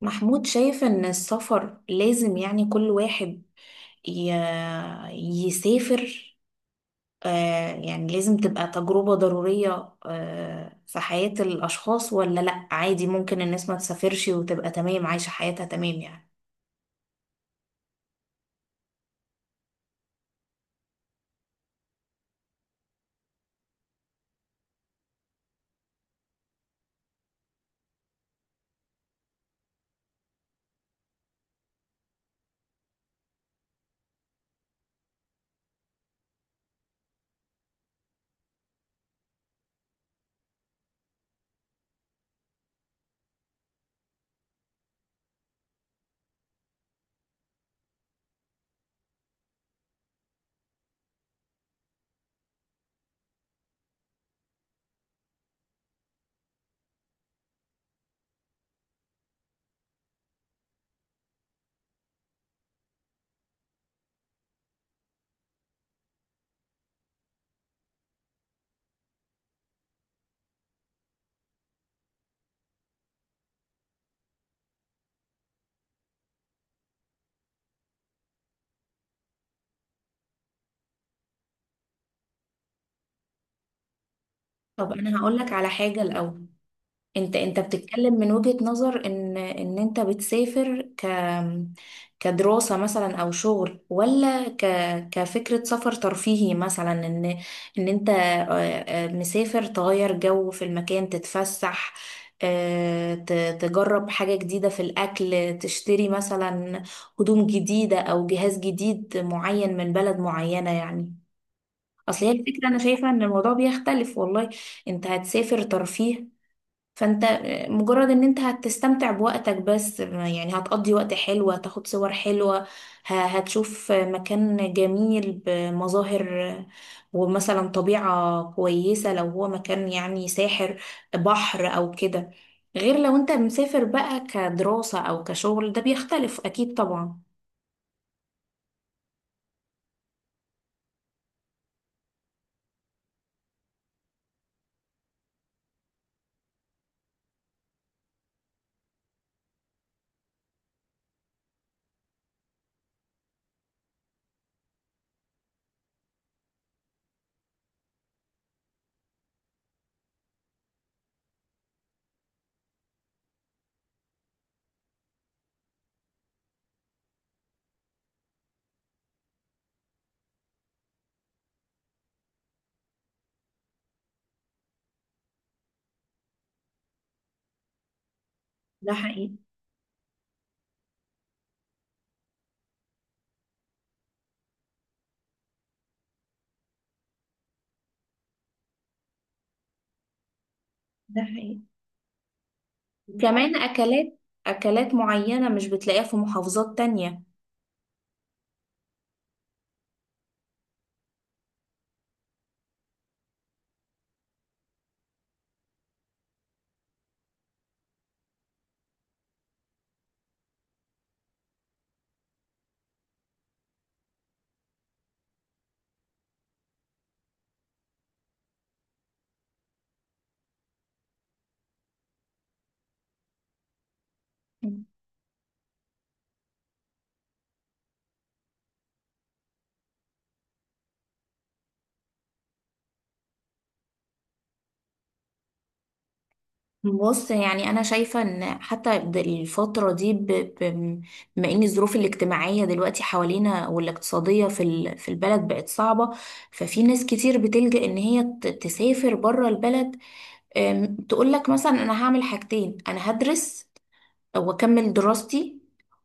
محمود، شايف ان السفر لازم يعني كل واحد ي... يسافر؟ يعني لازم تبقى تجربة ضرورية في حياة الاشخاص، ولا لا؟ عادي ممكن الناس ما تسافرش وتبقى تمام عايشة حياتها تمام يعني. طب انا هقولك على حاجة الاول. انت بتتكلم من وجهة نظر ان انت بتسافر كدراسة مثلا او شغل، ولا كفكرة سفر ترفيهي مثلا، ان انت مسافر، تغير جو في المكان، تتفسح، آه، ت- تجرب حاجة جديدة في الأكل، تشتري مثلا هدوم جديدة أو جهاز جديد معين من بلد معينة يعني. أصل هي الفكرة أنا شايفة إن الموضوع بيختلف. والله انت هتسافر ترفيه، فانت مجرد ان انت هتستمتع بوقتك بس يعني، هتقضي وقت حلو، هتاخد صور حلوة، هتشوف مكان جميل بمظاهر، ومثلا طبيعة كويسة، لو هو مكان يعني ساحر، بحر او كده. غير لو انت مسافر بقى كدراسة او كشغل، ده بيختلف اكيد طبعا. ده حقيقي. ده حقيقي. كمان اكلات معينة مش بتلاقيها في محافظات تانية. بص يعني انا شايفه ان حتى الفتره دي، بما ان الظروف الاجتماعيه دلوقتي حوالينا والاقتصاديه في البلد بقت صعبه، ففي ناس كتير بتلجأ ان هي تسافر بره البلد. تقول لك مثلا: انا هعمل حاجتين، انا هدرس واكمل دراستي،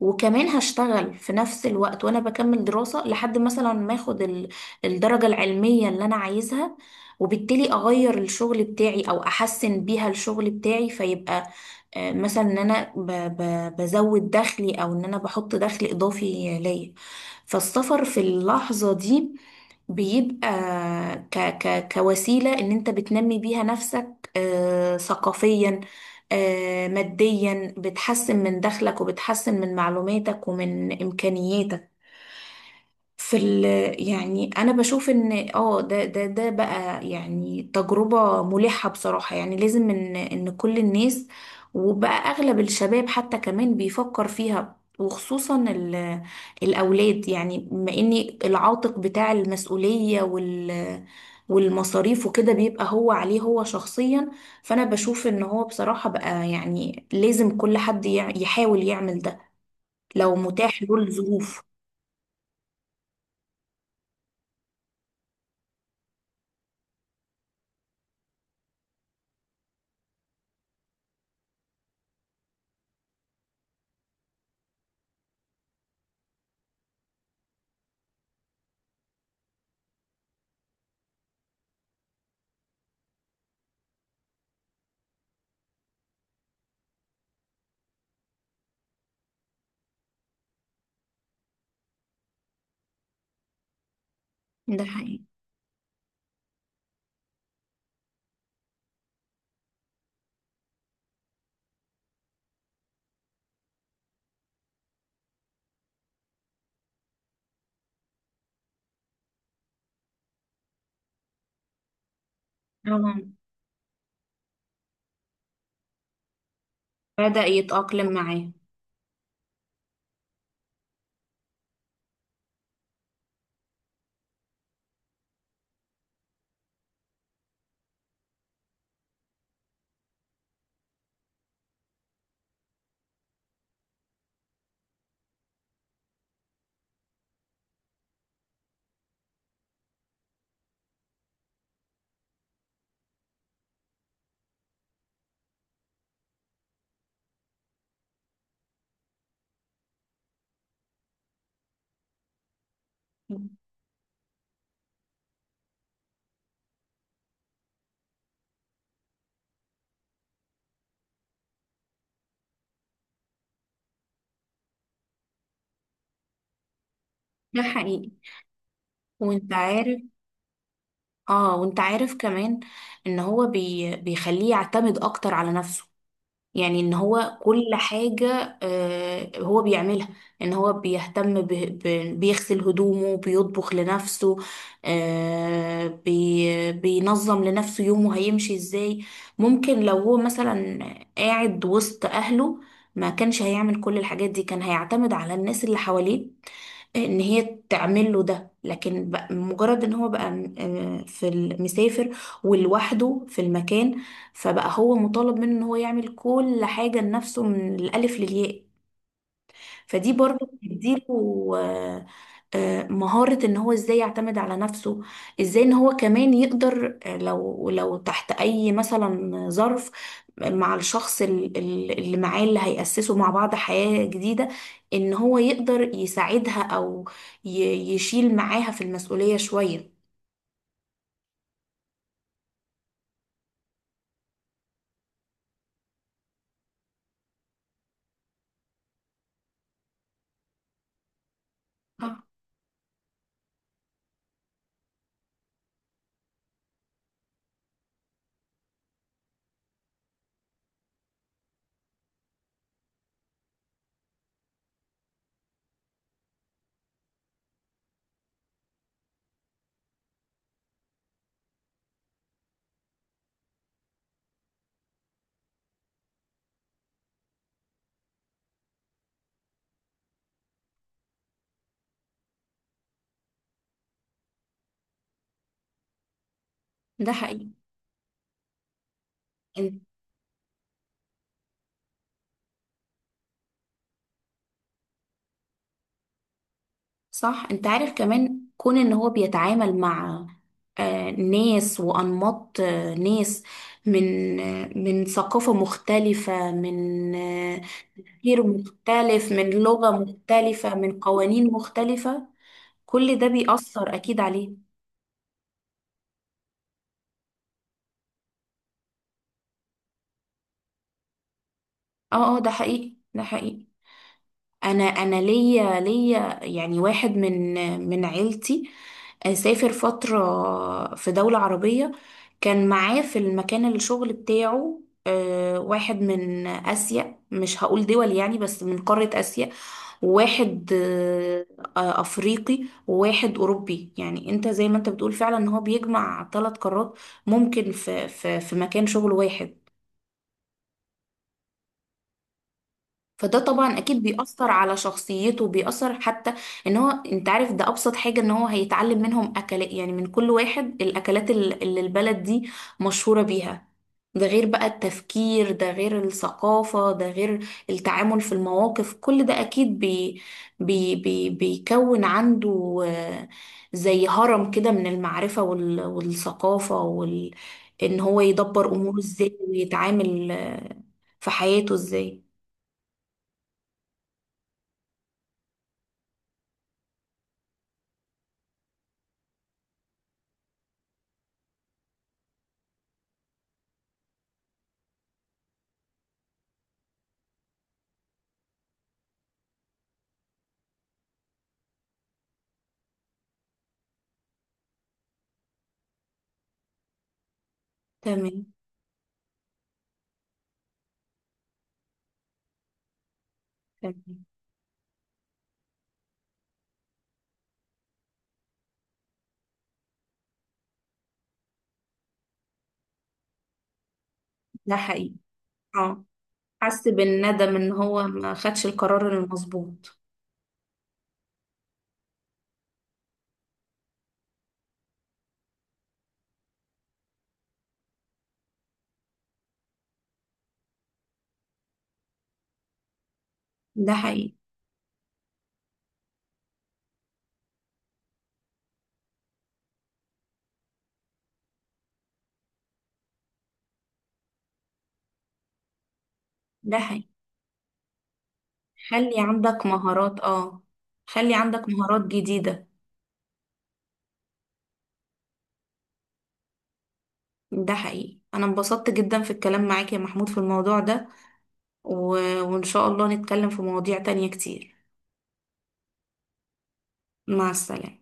وكمان هشتغل في نفس الوقت وانا بكمل دراسة لحد مثلا ما اخد الدرجة العلمية اللي انا عايزها، وبالتالي اغير الشغل بتاعي او احسن بيها الشغل بتاعي، فيبقى مثلا ان انا بزود دخلي، او ان انا بحط دخل اضافي ليا. فالسفر في اللحظة دي بيبقى ك ك كوسيلة ان انت بتنمي بيها نفسك ثقافيا، ماديا، بتحسن من دخلك وبتحسن من معلوماتك ومن إمكانياتك في ال يعني. انا بشوف ان ده بقى يعني تجربة ملحة بصراحة، يعني لازم ان ان كل الناس، وبقى اغلب الشباب حتى كمان بيفكر فيها، وخصوصا الاولاد يعني، بما ان العاتق بتاع المسؤولية والمصاريف وكده بيبقى هو عليه، هو شخصيا. فانا بشوف ان هو بصراحة بقى يعني لازم كل حد يحاول يعمل ده لو متاح له الظروف. ده حقيقي. بدأ يتأقلم معاه. ده حقيقي. وانت عارف اه وانت عارف كمان ان هو بيخليه يعتمد اكتر على نفسه. يعني ان هو كل حاجة هو بيعملها، ان هو بيهتم بيغسل هدومه، بيطبخ لنفسه، بينظم لنفسه يومه هيمشي ازاي. ممكن لو هو مثلا قاعد وسط اهله ما كانش هيعمل كل الحاجات دي، كان هيعتمد على الناس اللي حواليه ان هي تعمل له ده، لكن مجرد ان هو بقى مسافر ولوحده في المكان، فبقى هو مطالب منه ان هو يعمل كل حاجة لنفسه من الألف للياء. فدي برضه بتديله آه، مهارة ان هو ازاي يعتمد على نفسه، ازاي ان هو كمان يقدر لو تحت اي مثلا ظرف مع الشخص اللي معاه، اللي هيأسسوا مع بعض حياة جديدة، ان هو يقدر يساعدها او يشيل معاها في المسؤولية شوية. آه، ده حقيقي. صح. انت عارف كمان، كون ان هو بيتعامل مع ناس وانماط ناس من ثقافة مختلفة، من تفكير مختلف، من لغة مختلفة، من قوانين مختلفة، كل ده بيأثر اكيد عليه. اه، اه، ده حقيقي. ده حقيقي. انا ليا يعني واحد من عيلتي سافر فترة في دولة عربية، كان معاه في المكان الشغل بتاعه واحد من آسيا، مش هقول دول يعني بس من قارة آسيا، وواحد أفريقي، وواحد أوروبي. يعني أنت زي ما أنت بتقول فعلا، إن هو بيجمع ثلاث قارات ممكن في مكان شغل واحد. فده طبعا اكيد بيأثر على شخصيته، بيأثر حتى ان هو، انت عارف، ده ابسط حاجة ان هو هيتعلم منهم اكلات، يعني من كل واحد الاكلات اللي البلد دي مشهورة بيها. ده غير بقى التفكير، ده غير الثقافة، ده غير التعامل في المواقف، كل ده اكيد بي بي بي بيكون عنده زي هرم كده من المعرفة والثقافة ان هو يدبر اموره ازاي، ويتعامل في حياته ازاي. تمام. تمام. ده حقيقي. اه، حس بالندم ان هو ما خدش القرار المظبوط. ده حقيقي. ده حقيقي. خلي عندك مهارات اه خلي عندك مهارات جديدة. ده حقيقي، انا انبسطت جدا في الكلام معاك يا محمود في الموضوع ده، و... وان شاء الله نتكلم في مواضيع تانية كتير. مع السلامة.